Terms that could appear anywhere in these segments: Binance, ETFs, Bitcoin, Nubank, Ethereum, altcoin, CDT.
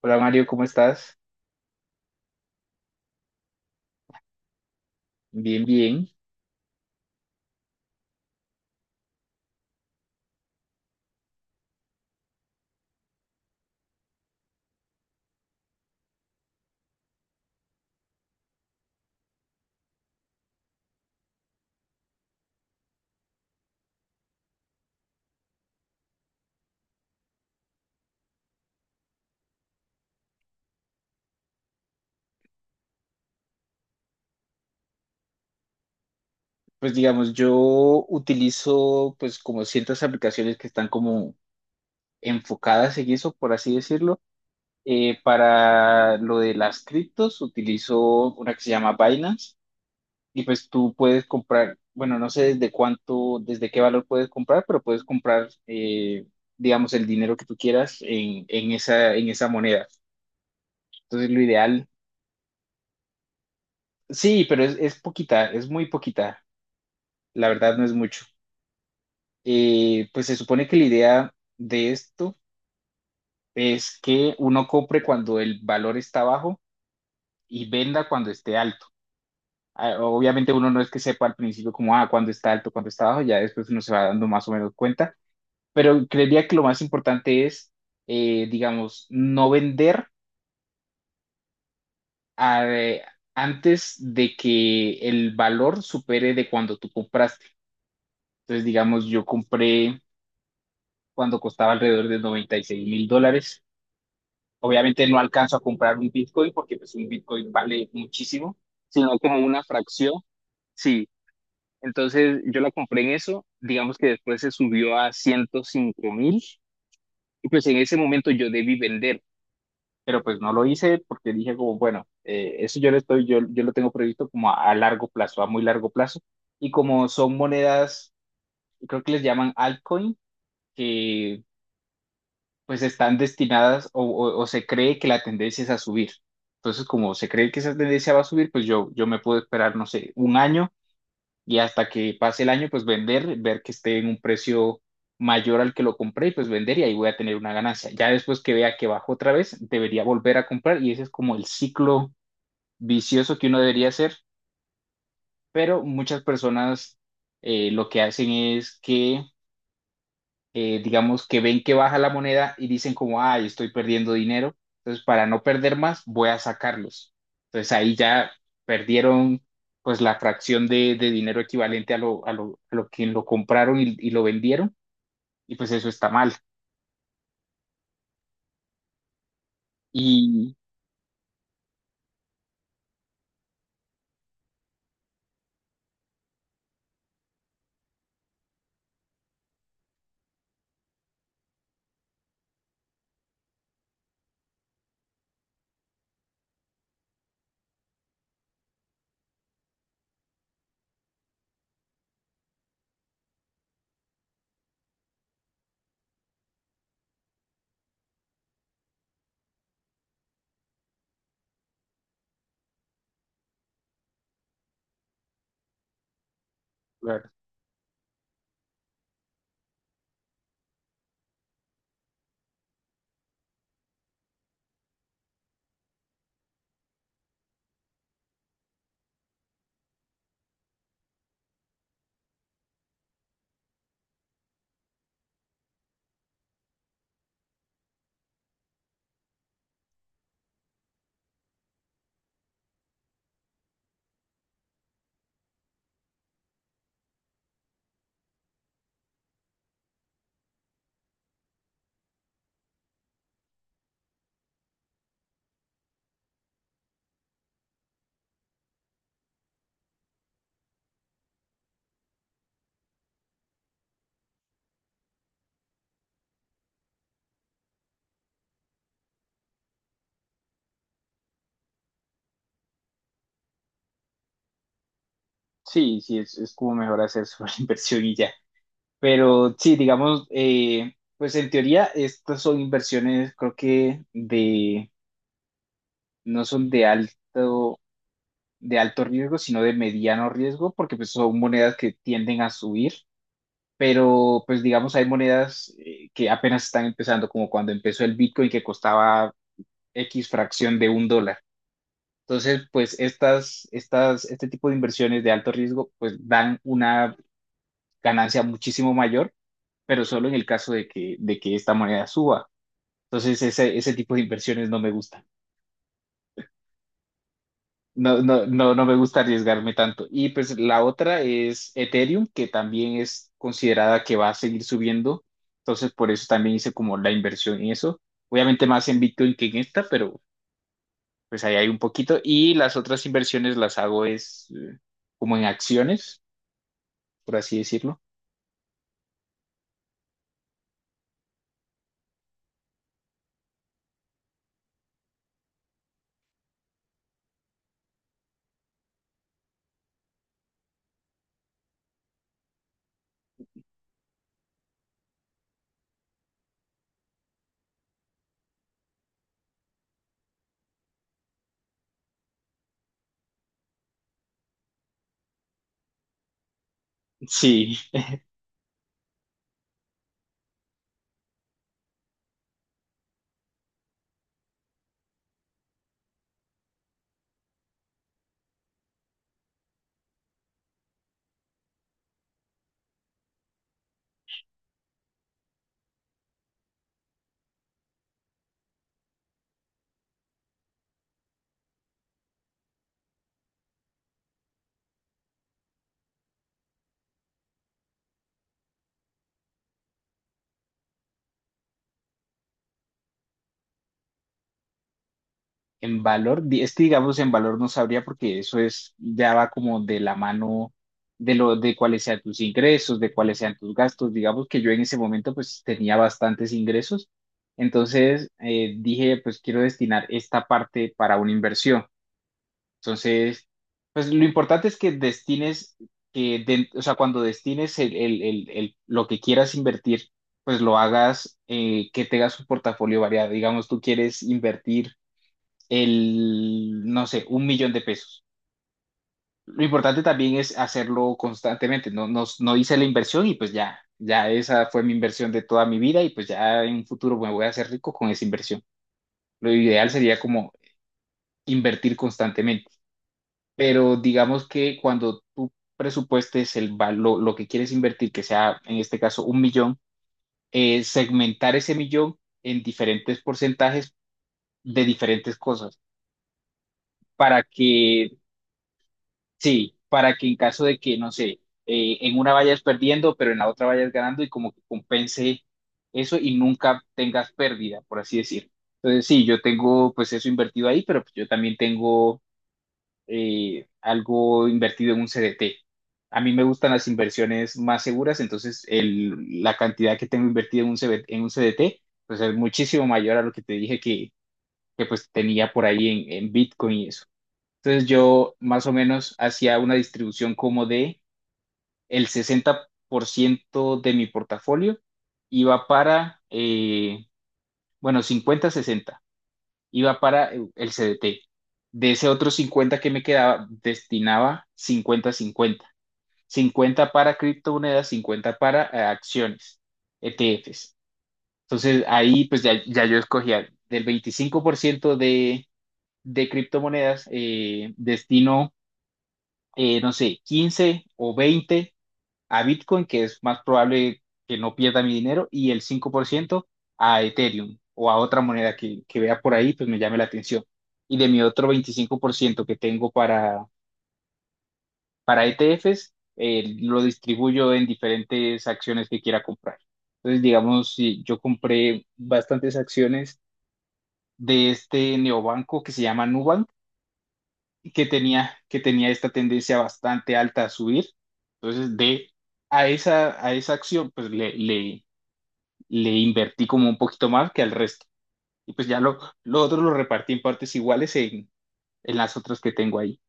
Hola Mario, ¿cómo estás? Bien, bien. Pues digamos, yo utilizo pues como ciertas aplicaciones que están como enfocadas en eso, por así decirlo. Para lo de las criptos utilizo una que se llama Binance y pues tú puedes comprar, bueno, no sé desde cuánto, desde qué valor puedes comprar, pero puedes comprar, digamos, el dinero que tú quieras en esa moneda. Entonces lo ideal, sí, pero es poquita, es muy poquita. La verdad no es mucho. Pues se supone que la idea de esto es que uno compre cuando el valor está bajo y venda cuando esté alto. Obviamente uno no es que sepa al principio como, cuando está alto, cuando está bajo, ya después uno se va dando más o menos cuenta, pero creería que lo más importante es, digamos, no vender a- eh, antes de que el valor supere de cuando tú compraste. Entonces, digamos, yo compré cuando costaba alrededor de 96.000 dólares. Obviamente no alcanzo a comprar un Bitcoin porque pues un Bitcoin vale muchísimo, sino como una fracción. Sí, entonces yo la compré en eso, digamos que después se subió a 105.000 y pues en ese momento yo debí vender, pero pues no lo hice porque dije como, bueno, eso yo lo tengo previsto como a largo plazo, a muy largo plazo. Y como son monedas, creo que les llaman altcoin, que pues están destinadas o, o se cree que la tendencia es a subir. Entonces, como se cree que esa tendencia va a subir, pues yo me puedo esperar, no sé, un año y hasta que pase el año, pues vender, ver que esté en un precio mayor al que lo compré y pues vender y ahí voy a tener una ganancia. Ya después que vea que bajó otra vez, debería volver a comprar y ese es como el ciclo vicioso que uno debería hacer, pero muchas personas lo que hacen es que digamos que ven que baja la moneda y dicen como, ay, estoy perdiendo dinero, entonces para no perder más voy a sacarlos. Entonces ahí ya perdieron pues la fracción de dinero equivalente a lo que lo compraron y lo vendieron y pues eso está mal. Y claro, sí, sí, es, como mejor hacer sobre inversión y ya. Pero sí, digamos, pues en teoría estas son inversiones creo que no son de alto riesgo, sino de mediano riesgo, porque pues son monedas que tienden a subir, pero pues digamos hay monedas que apenas están empezando, como cuando empezó el Bitcoin que costaba X fracción de un dólar. Entonces, pues este tipo de inversiones de alto riesgo pues dan una ganancia muchísimo mayor, pero solo en el caso de que esta moneda suba. Entonces, ese tipo de inversiones no me gusta. No, no, no, no me gusta arriesgarme tanto. Y pues la otra es Ethereum, que también es considerada que va a seguir subiendo. Entonces, por eso también hice como la inversión en eso. Obviamente más en Bitcoin que en esta, pero pues ahí hay un poquito. Y las otras inversiones las hago es, como en acciones, por así decirlo. Sí. En valor, este digamos en valor no sabría porque eso es, ya va como de la mano de cuáles sean tus ingresos, de cuáles sean tus gastos. Digamos que yo en ese momento pues tenía bastantes ingresos, entonces, dije pues quiero destinar esta parte para una inversión. Entonces, pues lo importante es que destines, o sea, cuando destines lo que quieras invertir, pues lo hagas, que tengas un portafolio variado. Digamos, tú quieres invertir no sé, un millón de pesos. Lo importante también es hacerlo constantemente. No, no, no hice la inversión y pues ya, ya esa fue mi inversión de toda mi vida y pues ya en un futuro me voy a hacer rico con esa inversión. Lo ideal sería como invertir constantemente, pero digamos que cuando tú presupuestes el valor, lo que quieres invertir, que sea en este caso un millón, segmentar ese millón en diferentes porcentajes de diferentes cosas para que, sí, para que en caso de que, no sé, en una vayas perdiendo, pero en la otra vayas ganando y como que compense eso y nunca tengas pérdida, por así decir. Entonces, sí, yo tengo pues eso invertido ahí, pero pues, yo también tengo, algo invertido en un CDT. A mí me gustan las inversiones más seguras, entonces la cantidad que tengo invertida en un CDT, pues es muchísimo mayor a lo que te dije que pues tenía por ahí en Bitcoin y eso. Entonces yo más o menos hacía una distribución como de el 60% de mi portafolio iba para, bueno, 50-60, iba para el CDT. De ese otro 50 que me quedaba, destinaba 50-50. 50 para criptomonedas, 50 para acciones, ETFs. Entonces ahí pues ya, ya yo escogía del 25% de criptomonedas, destino, no sé, 15 o 20 a Bitcoin, que es más probable que no pierda mi dinero, y el 5% a Ethereum o a otra moneda que vea por ahí, pues me llame la atención. Y de mi otro 25% que tengo para, ETFs, lo distribuyo en diferentes acciones que quiera comprar. Entonces, digamos, si yo compré bastantes acciones de este neobanco que se llama Nubank, que tenía esta tendencia bastante alta a subir. Entonces, a esa acción, pues le invertí como un poquito más que al resto. Y pues ya lo otro lo repartí en partes iguales en las otras que tengo ahí.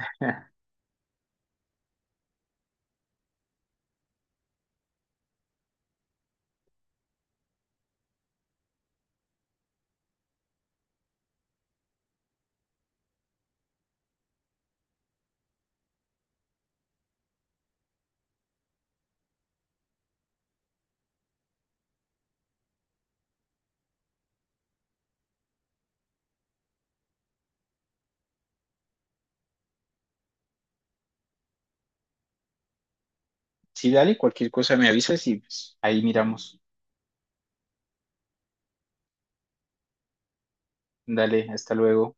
Sí, dale, cualquier cosa me avisas y pues, ahí miramos. Dale, hasta luego.